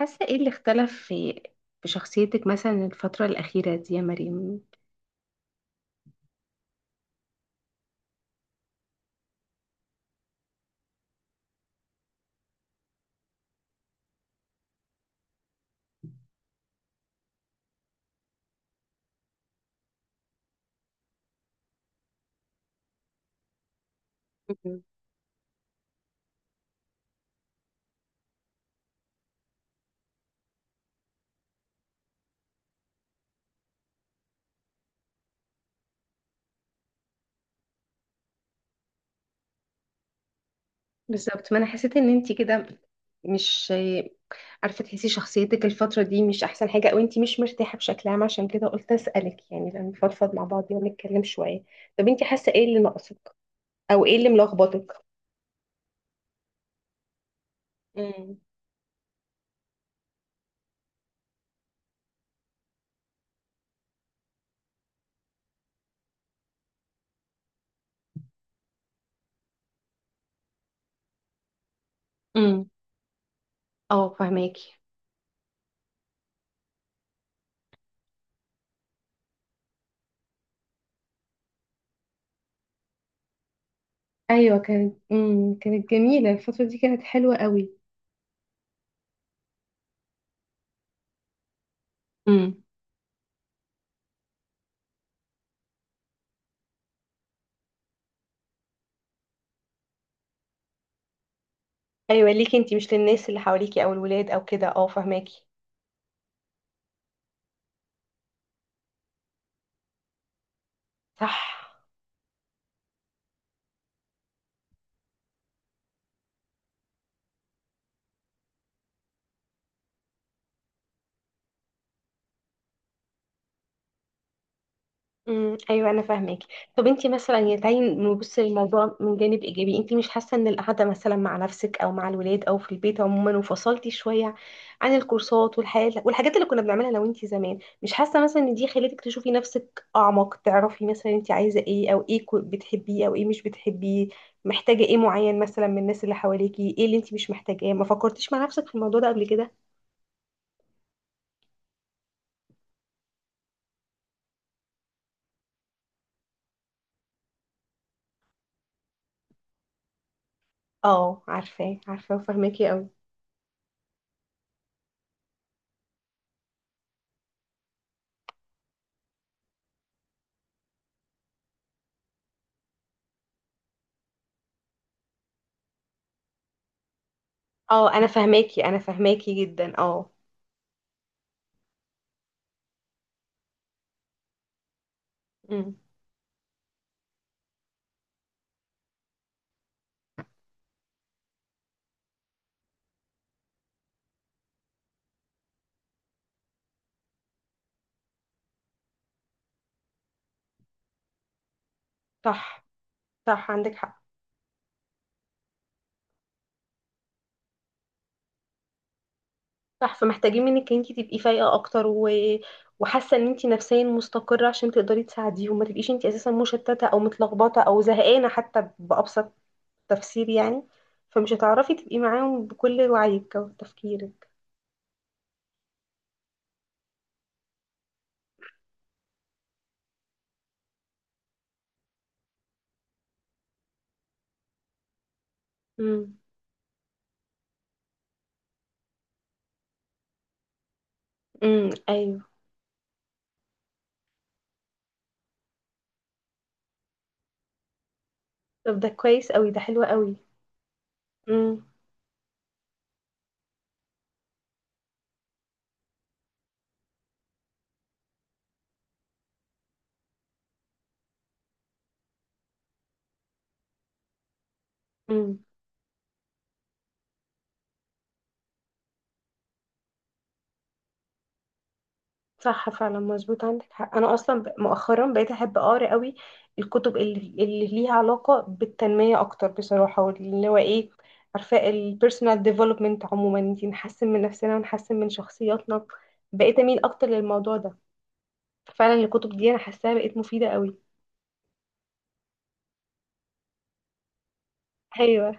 حاسة ايه اللي اختلف في شخصيتك مثلا الفترة الأخيرة دي يا مريم؟ مم. بالظبط، ما انا حسيت ان انتي كده مش عارفة تحسي شخصيتك الفترة دي مش احسن حاجة، او انتي مش مرتاحة بشكل عام، عشان كده قلت اسألك يعني لما نفضفض مع بعض ونتكلم شوية. طب انتي حاسة ايه اللي ناقصك؟ او ايه اللي ملخبطك؟ مم. امم. اه، فهماكي. ايوه، كانت جميلة الفترة دي، كانت حلوة قوي. امم. ايوه، ليكي انتي، مش للناس اللي حواليكي او الولاد او كده. اه، فهماكي. صح. امم، ايوه، انا فاهمك. طب انت مثلا يعني تعالي نبص للموضوع من جانب ايجابي. انت مش حاسه ان القعده مثلا مع نفسك او مع الولاد او في البيت عموما، وفصلتي شويه عن الكورسات والحياه والحاجات اللي كنا بنعملها، لو انت زمان، مش حاسه مثلا ان دي خلتك تشوفي نفسك اعمق؟ تعرفي مثلا انت عايزه ايه، او ايه بتحبيه او ايه مش بتحبيه؟ محتاجه ايه معين مثلا من الناس اللي حواليكي؟ ايه اللي انت مش محتاجاه؟ ما فكرتيش مع نفسك في الموضوع ده قبل كده؟ اه، عارفاه عارفاه وفاهماكي قوي. اه، انا فاهماكي، انا فاهماكي جدا، اه. مم. صح. صح، عندك حق. صح، فمحتاجين منك ان انت تبقي فايقه اكتر وحاسه ان انت نفسيا مستقره، عشان تقدري تساعديهم، ما تبقيش انت اساسا مشتته او متلخبطه او زهقانه حتى بابسط تفسير يعني. فمش هتعرفي تبقي معاهم بكل وعيك وتفكيرك. امم. امم. ايوه. طب ده كويس قوي، ده حلو قوي. امم. صح، فعلا مظبوط، عندك حق. انا اصلا مؤخرا بقيت احب اقرا قوي الكتب اللي ليها علاقه بالتنميه اكتر بصراحه، واللي هو ايه، عارفه، البيرسونال ديفلوبمنت عموما، انتي نحسن من نفسنا ونحسن من شخصياتنا. بقيت اميل اكتر للموضوع ده. فعلا الكتب دي انا حاساها بقت مفيده قوي. ايوه.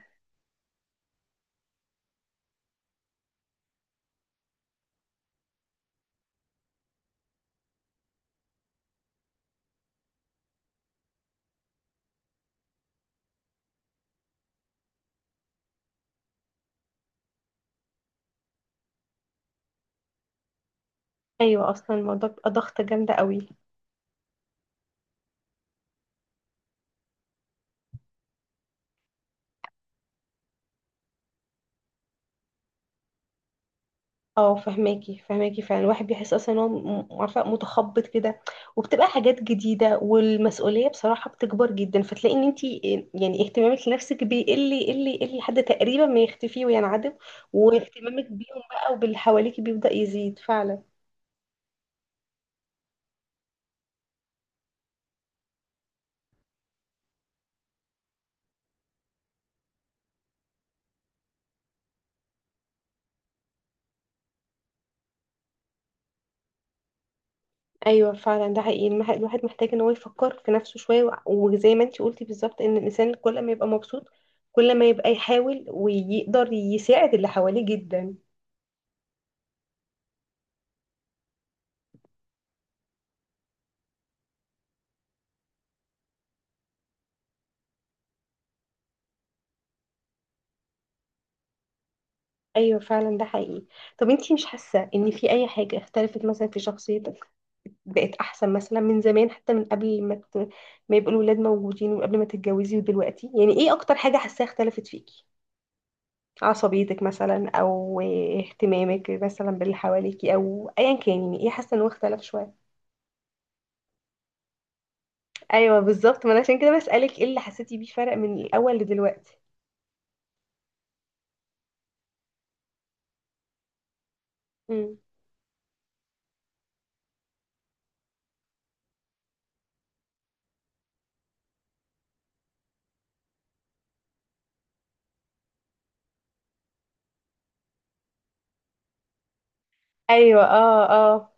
ايوه، اصلا الموضوع بيبقى ضغطه جامده قوي. اه، فهماكي فهماكي، فعلا الواحد بيحس اصلا ان هو عارفه، متخبط كده. وبتبقى حاجات جديده والمسؤوليه بصراحه بتكبر جدا، فتلاقي ان انت يعني اهتمامك لنفسك بيقل يقل يقل لحد تقريبا ما يختفي وينعدم. واهتمامك بيهم بقى وباللي حواليكي بيبدا يزيد فعلا. ايوه فعلا، ده حقيقي. الواحد محتاج ان هو يفكر في نفسه شويه، وزي ما انت قلتي بالظبط، ان الانسان كل ما يبقى مبسوط، كل ما يبقى يحاول ويقدر يساعد اللي حواليه جدا. ايوه فعلا، ده حقيقي. طب انتي مش حاسه ان في اي حاجه اختلفت مثلا في شخصيتك، بقت احسن مثلا من زمان، حتى من قبل ما ما يبقوا الولاد موجودين وقبل ما تتجوزي ودلوقتي؟ يعني ايه اكتر حاجه حاساها اختلفت فيكي؟ عصبيتك مثلا، او اهتمامك مثلا باللي حواليكي، او ايا كان. يعني ايه حاسه ان هو اختلف شويه؟ ايوه بالظبط، ما انا عشان كده بسالك ايه اللي حسيتي بيه فرق من الاول لدلوقتي. مم. ايوه. اه. اه.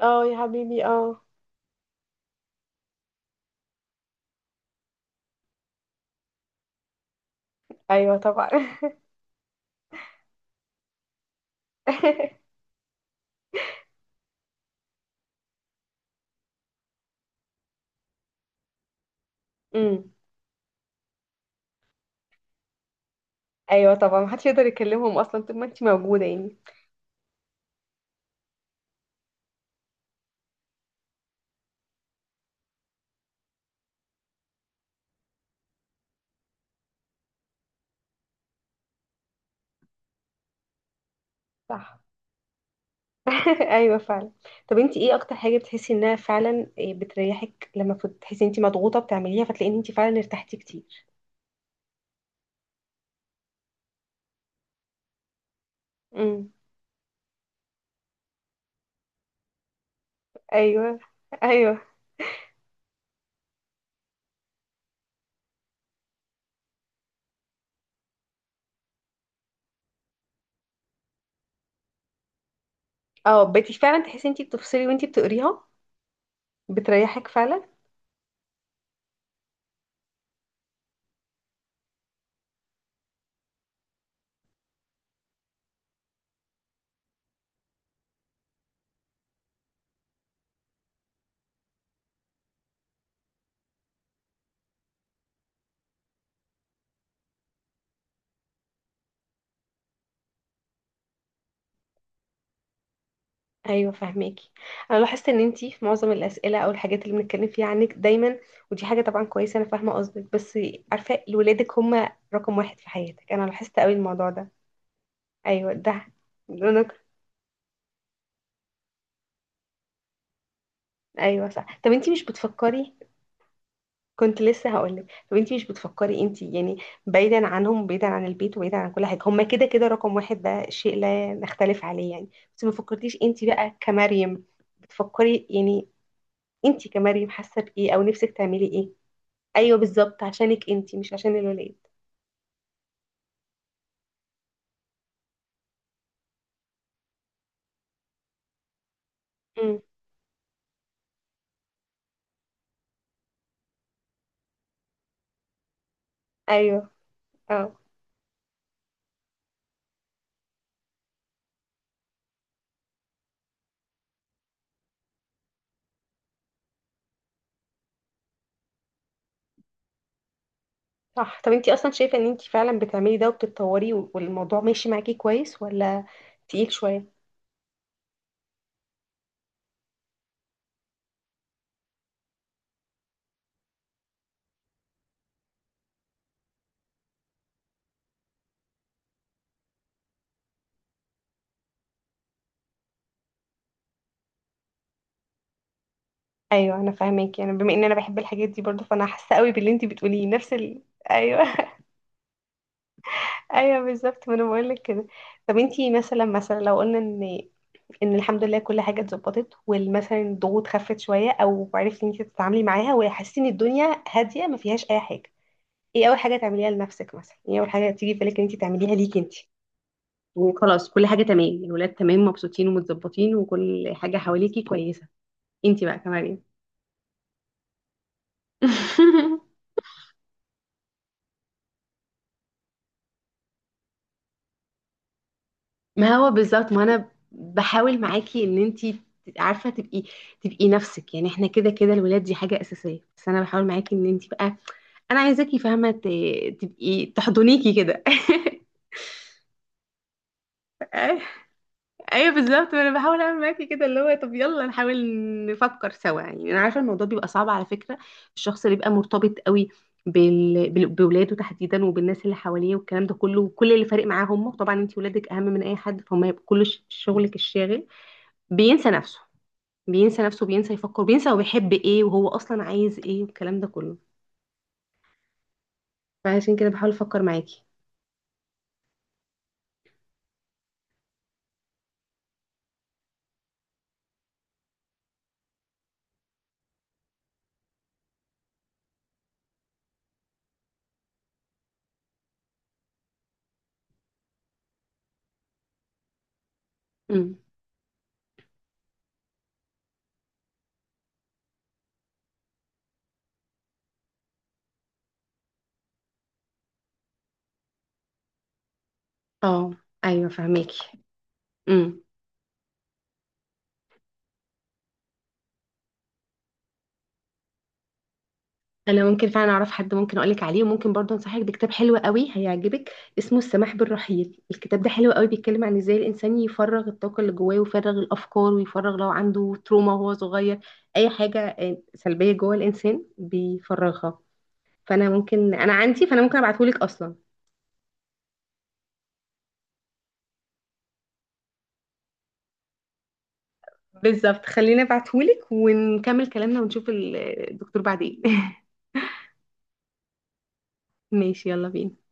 اه، يا حبيبي، اه. ايوه طبعا. مم. ايوه طبعا، محدش يقدر يكلمهم اصلا طول ما انت موجوده يعني. صح. ايوه فعلا. طب انت ايه اكتر حاجه بتحسي انها فعلا إيه بتريحك لما بتحسي انت مضغوطه بتعمليها، فتلاقي ان انت فعلا ارتحتي كتير؟ امم. ايوه. ايوه. اه، بقيتي فعلا تحسي انت بتفصلي وانت بتقريها. بتريحك فعلا. ايوه فاهماكي. انا لاحظت ان انت في معظم الاسئله او الحاجات اللي بنتكلم فيها عنك دايما، ودي حاجه طبعا كويسه، انا فاهمه قصدك، بس عارفه ولادك هم رقم واحد في حياتك. انا لاحظت قوي الموضوع ده. ايوه، ده. انا. ايوه، صح. طب انتي مش بتفكري؟ كنت لسه هقولك طب انتي مش بتفكري؟ انتي يعني بعيدا عنهم، بعيدا عن البيت، وبعيدا عن كل حاجه، هما كده كده رقم واحد، ده شيء لا نختلف عليه يعني. بس ما فكرتيش انتي بقى كمريم بتفكري؟ يعني انتي كمريم حاسه بايه، او نفسك تعملي ايه؟ ايوه بالظبط، عشانك انتي، مش عشان الولاد. امم. ايوه. اه، صح. طب انتي اصلا شايفه ان انتي فعلا بتعملي ده وبتتطوري والموضوع ماشي معاكي كويس، ولا تقيل شويه؟ ايوه انا فاهماكي، انا بما ان انا بحب الحاجات دي برضو فانا حاسه قوي باللي انتي بتقوليه، نفس. ايوه. ايوه بالظبط، ما انا بقول لك كده. طب انتي مثلا لو قلنا ان الحمد لله كل حاجه اتظبطت، ومثلا الضغوط خفت شويه، او عرفتي ان انتي تتعاملي معاها، وحسيتي ان الدنيا هاديه ما فيهاش اي حاجه، ايه اول حاجه تعمليها لنفسك مثلا؟ ايه اول حاجه تيجي في بالك ان انتي تعمليها ليكي انتي؟ وخلاص كل حاجة تمام، الولاد تمام مبسوطين ومتظبطين وكل حاجة حواليكي كويسة، انتي بقى كمان؟ ايه؟ ما هو بالظبط، ما انا بحاول معاكي ان انتي عارفه تبقي نفسك يعني. احنا كده كده الولاد دي حاجه اساسيه، بس انا بحاول معاكي ان انتي بقى، انا عايزاكي فاهمه، تبقي تحضنيكي كده. ايوه بالظبط، ما انا بحاول اعمل معاكي كده اللي هو، طب يلا نحاول نفكر سوا يعني. انا عارفه الموضوع بيبقى صعب على فكره. الشخص اللي بيبقى مرتبط قوي بولاده تحديدا، وبالناس اللي حواليه والكلام ده كله، وكل اللي فارق معاه هم طبعا. انتي ولادك اهم من اي حد، فهم هيبقوا كل شغلك الشاغل. بينسى نفسه. بينسى نفسه، بينسى يفكر، بينسى هو بيحب ايه وهو اصلا عايز ايه والكلام ده كله. فعشان كده بحاول افكر معاكي. امم. اه. ايوه فهماكي. امم. انا ممكن فعلا اعرف حد ممكن اقولك عليه، وممكن برضه انصحك بكتاب حلو قوي هيعجبك، اسمه السماح بالرحيل. الكتاب ده حلو قوي، بيتكلم عن ازاي الانسان يفرغ الطاقه اللي جواه ويفرغ الافكار، ويفرغ لو عنده تروما وهو صغير، اي حاجه سلبيه جوه الانسان بيفرغها. فانا ممكن، انا عندي، فانا ممكن ابعتهولك اصلا. بالظبط، خليني ابعتهولك ونكمل كلامنا ونشوف الدكتور بعدين. ماشي، يلا بينا.